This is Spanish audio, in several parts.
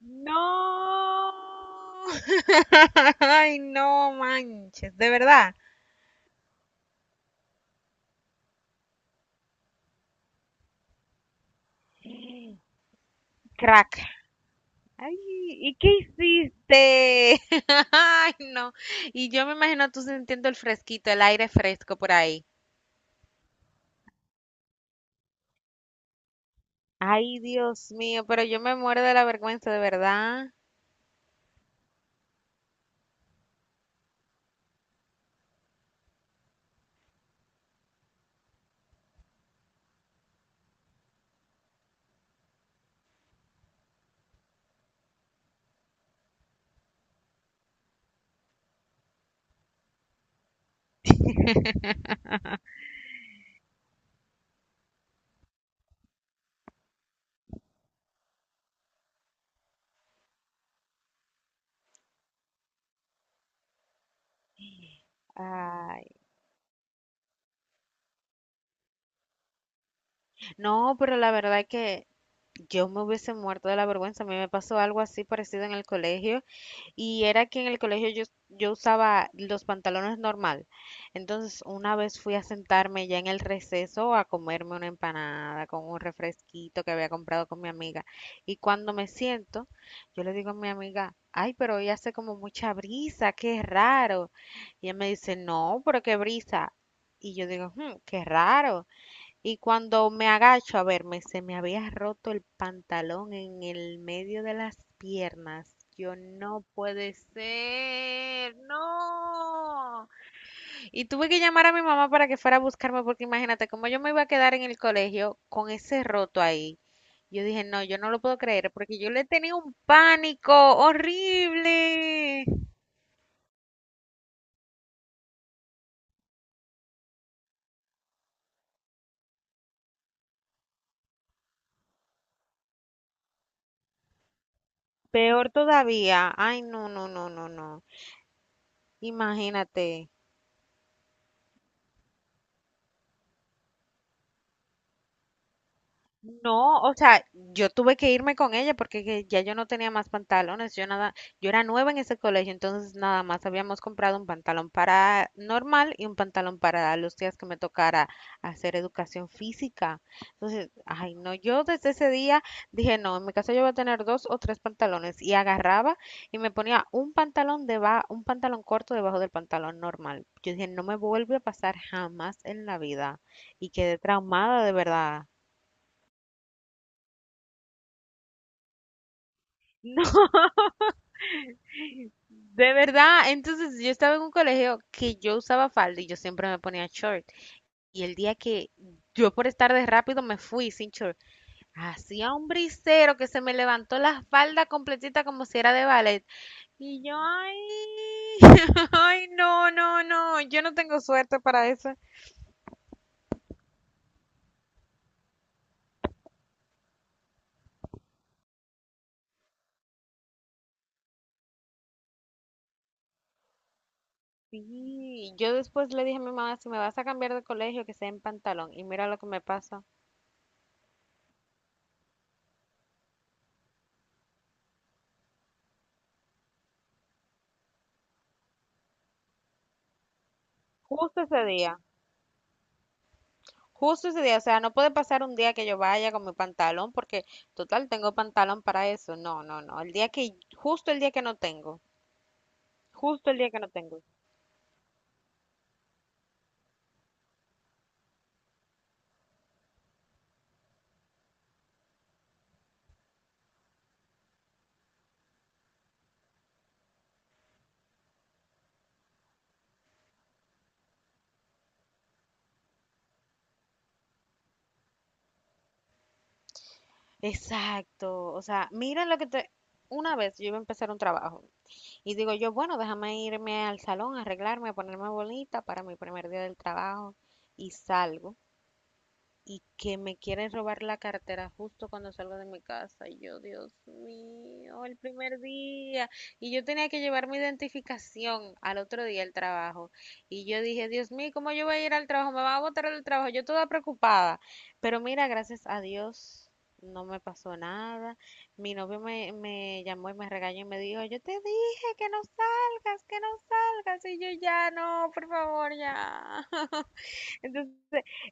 No. Ay, no manches, de verdad. Crack. Ay, ¿y qué hiciste? Ay, no. Y yo me imagino tú sintiendo el fresquito, el aire fresco por ahí. Ay, Dios mío, pero yo me muero de la vergüenza, de verdad. Ay, no, pero la verdad es que yo me hubiese muerto de la vergüenza. A mí me pasó algo así parecido en el colegio. Y era que en el colegio yo usaba los pantalones normal. Entonces, una vez fui a sentarme ya en el receso a comerme una empanada con un refresquito que había comprado con mi amiga. Y cuando me siento, yo le digo a mi amiga, ay, pero hoy hace como mucha brisa, qué raro. Y ella me dice, no, pero qué brisa. Y yo digo, "Hmm, qué raro." Y cuando me agacho a verme, se me había roto el pantalón en el medio de las piernas. Yo no puede ser, no. Y tuve que llamar a mi mamá para que fuera a buscarme porque imagínate cómo yo me iba a quedar en el colegio con ese roto ahí. Yo dije, no, yo no lo puedo creer porque yo le tenía un pánico horrible. Peor todavía. Ay, no, no, no, no, no. Imagínate. No, o sea, yo tuve que irme con ella porque que ya yo no tenía más pantalones, yo nada, yo era nueva en ese colegio, entonces nada más habíamos comprado un pantalón para normal y un pantalón para los días que me tocara hacer educación física. Entonces, ay, no, yo desde ese día dije, no, en mi casa yo voy a tener dos o tres pantalones y agarraba y me ponía un pantalón corto debajo del pantalón normal. Yo dije, no me vuelve a pasar jamás en la vida y quedé traumada de verdad. De verdad, entonces yo estaba en un colegio que yo usaba falda y yo siempre me ponía short. Y el día que yo por estar de rápido me fui sin short, hacía un brisero que se me levantó la falda completita como si era de ballet. Y yo, ay, ay, no, no, no, yo no tengo suerte para eso. Sí, yo después le dije a mi mamá, si me vas a cambiar de colegio, que sea en pantalón. Y mira lo que me pasa. Justo ese día. Justo ese día, o sea, no puede pasar un día que yo vaya con mi pantalón porque total tengo pantalón para eso. No, no, no. El día que, justo el día que no tengo, justo el día que no tengo. Exacto. O sea, miren lo que te... Una vez yo iba a empezar un trabajo y digo yo, bueno, déjame irme al salón, arreglarme, ponerme bonita para mi primer día del trabajo y salgo. Y que me quieren robar la cartera justo cuando salgo de mi casa. Y yo, Dios mío, el primer día. Y yo tenía que llevar mi identificación al otro día al trabajo. Y yo dije, Dios mío, ¿cómo yo voy a ir al trabajo? Me van a botar del trabajo. Yo toda preocupada. Pero mira, gracias a Dios. No me pasó nada. Mi novio me llamó y me regañó y me dijo, yo te dije que no salgas, que no salgas. Y yo ya no, por favor, ya. Entonces,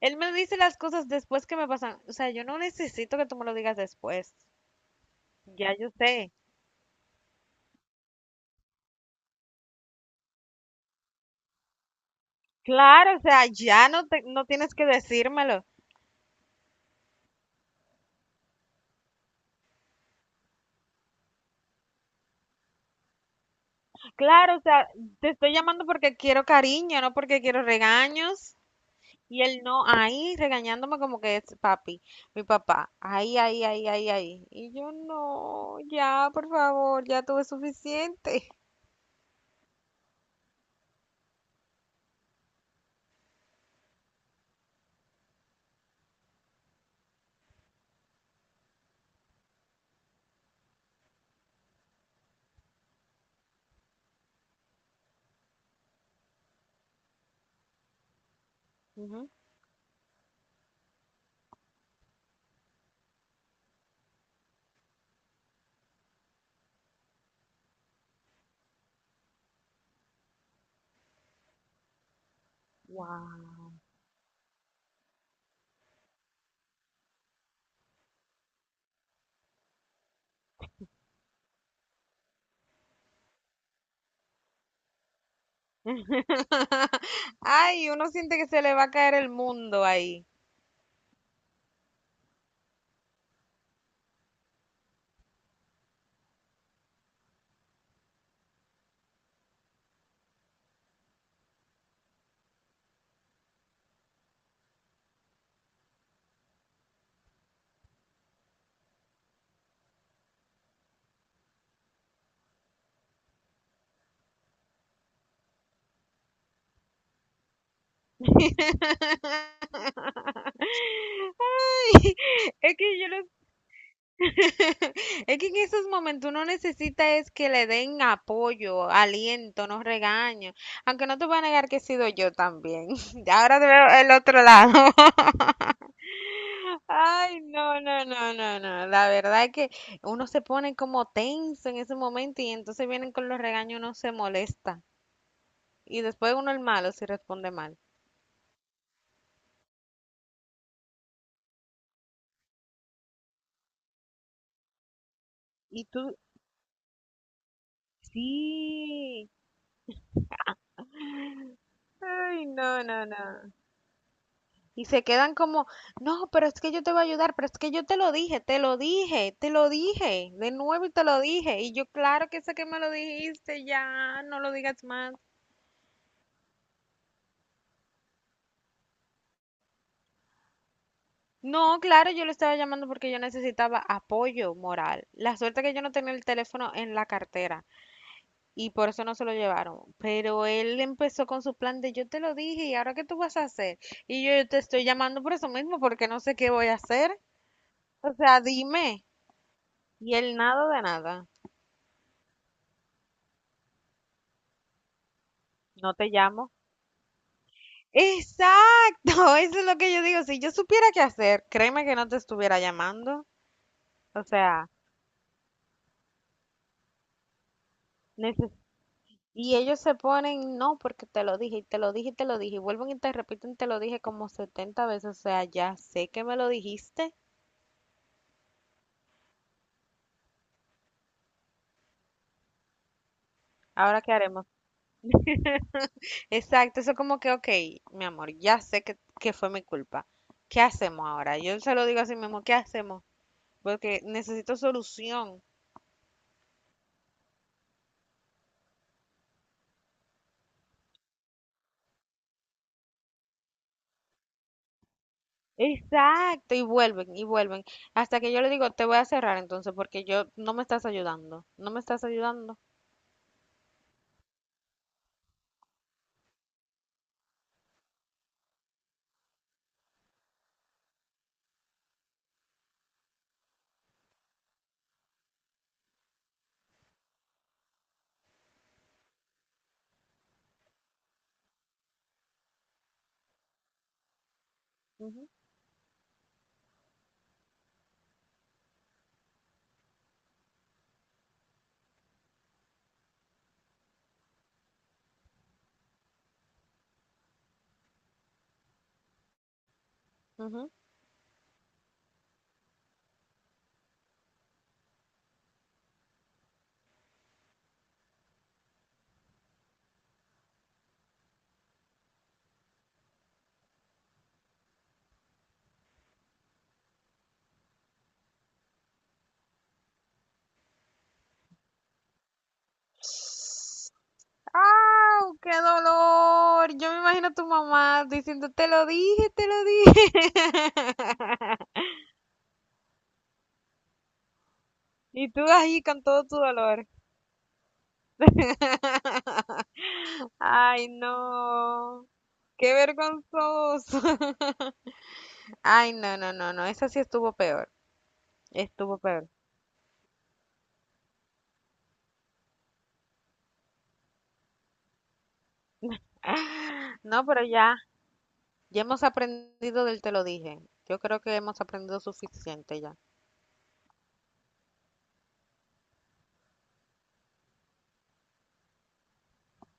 él me dice las cosas después que me pasan. O sea, yo no necesito que tú me lo digas después. Ya yo sé. Claro, o sea, ya no, no tienes que decírmelo. Claro, o sea, te estoy llamando porque quiero cariño, no porque quiero regaños. Y él no, ahí regañándome como que es papi, mi papá. Ahí, ahí, ahí, ahí, ahí. Y yo no, ya, por favor, ya tuve suficiente. Ujú. Wow. Ay, uno siente que se le va a caer el mundo ahí. Ay, es que yo no- es que en esos momentos uno necesita es que le den apoyo, aliento, no regaño. Aunque no te voy a negar que he sido yo también. Ahora te veo el otro lado. Ay, no, no, no, no, no. La verdad es que uno se pone como tenso en ese momento y entonces vienen con los regaños, uno se molesta. Y después uno el malo si responde mal. Y tú, sí. Ay, no, no, no. Y se quedan como, no, pero es que yo te voy a ayudar, pero es que yo te lo dije, te lo dije, te lo dije, de nuevo y te lo dije. Y yo, claro que sé que me lo dijiste, ya, no lo digas más. No, claro, yo lo estaba llamando porque yo necesitaba apoyo moral. La suerte que yo no tenía el teléfono en la cartera y por eso no se lo llevaron. Pero él empezó con su plan de yo te lo dije y ahora qué tú vas a hacer. Y yo, te estoy llamando por eso mismo porque no sé qué voy a hacer. O sea, dime. Y el nada de nada, no te llamo. Exacto, eso es lo que yo digo. Si yo supiera qué hacer, créeme que no te estuviera llamando. O sea, neces- y ellos se ponen, no, porque te lo dije, y te lo dije, y te lo dije, y vuelven y te repiten, te lo dije como 70 veces. O sea, ya sé que me lo dijiste. Ahora, ¿qué haremos? Exacto, eso como que, ok, mi amor, ya sé que fue mi culpa. ¿Qué hacemos ahora? Yo se lo digo así mismo, ¿qué hacemos? Porque necesito solución. Exacto, y vuelven, y vuelven. Hasta que yo le digo, te voy a cerrar entonces, porque yo no me estás ayudando, no me estás ayudando. Ujú, ujú. ¡Au! ¡Qué dolor! Yo me imagino a tu mamá diciendo, te lo dije, te lo dije. Y tú ahí con todo tu dolor. Ay, no. Qué vergonzoso. Ay, no, no, no, no. Esa sí estuvo peor. Estuvo peor. No, pero ya. Ya hemos aprendido del te lo dije. Yo creo que hemos aprendido suficiente ya.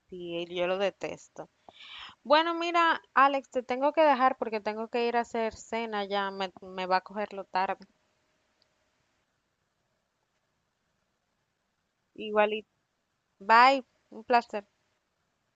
Sí, yo lo detesto. Bueno, mira, Alex, te tengo que dejar porque tengo que ir a hacer cena ya. Me va a cogerlo tarde. Igualito. Bye. Un placer.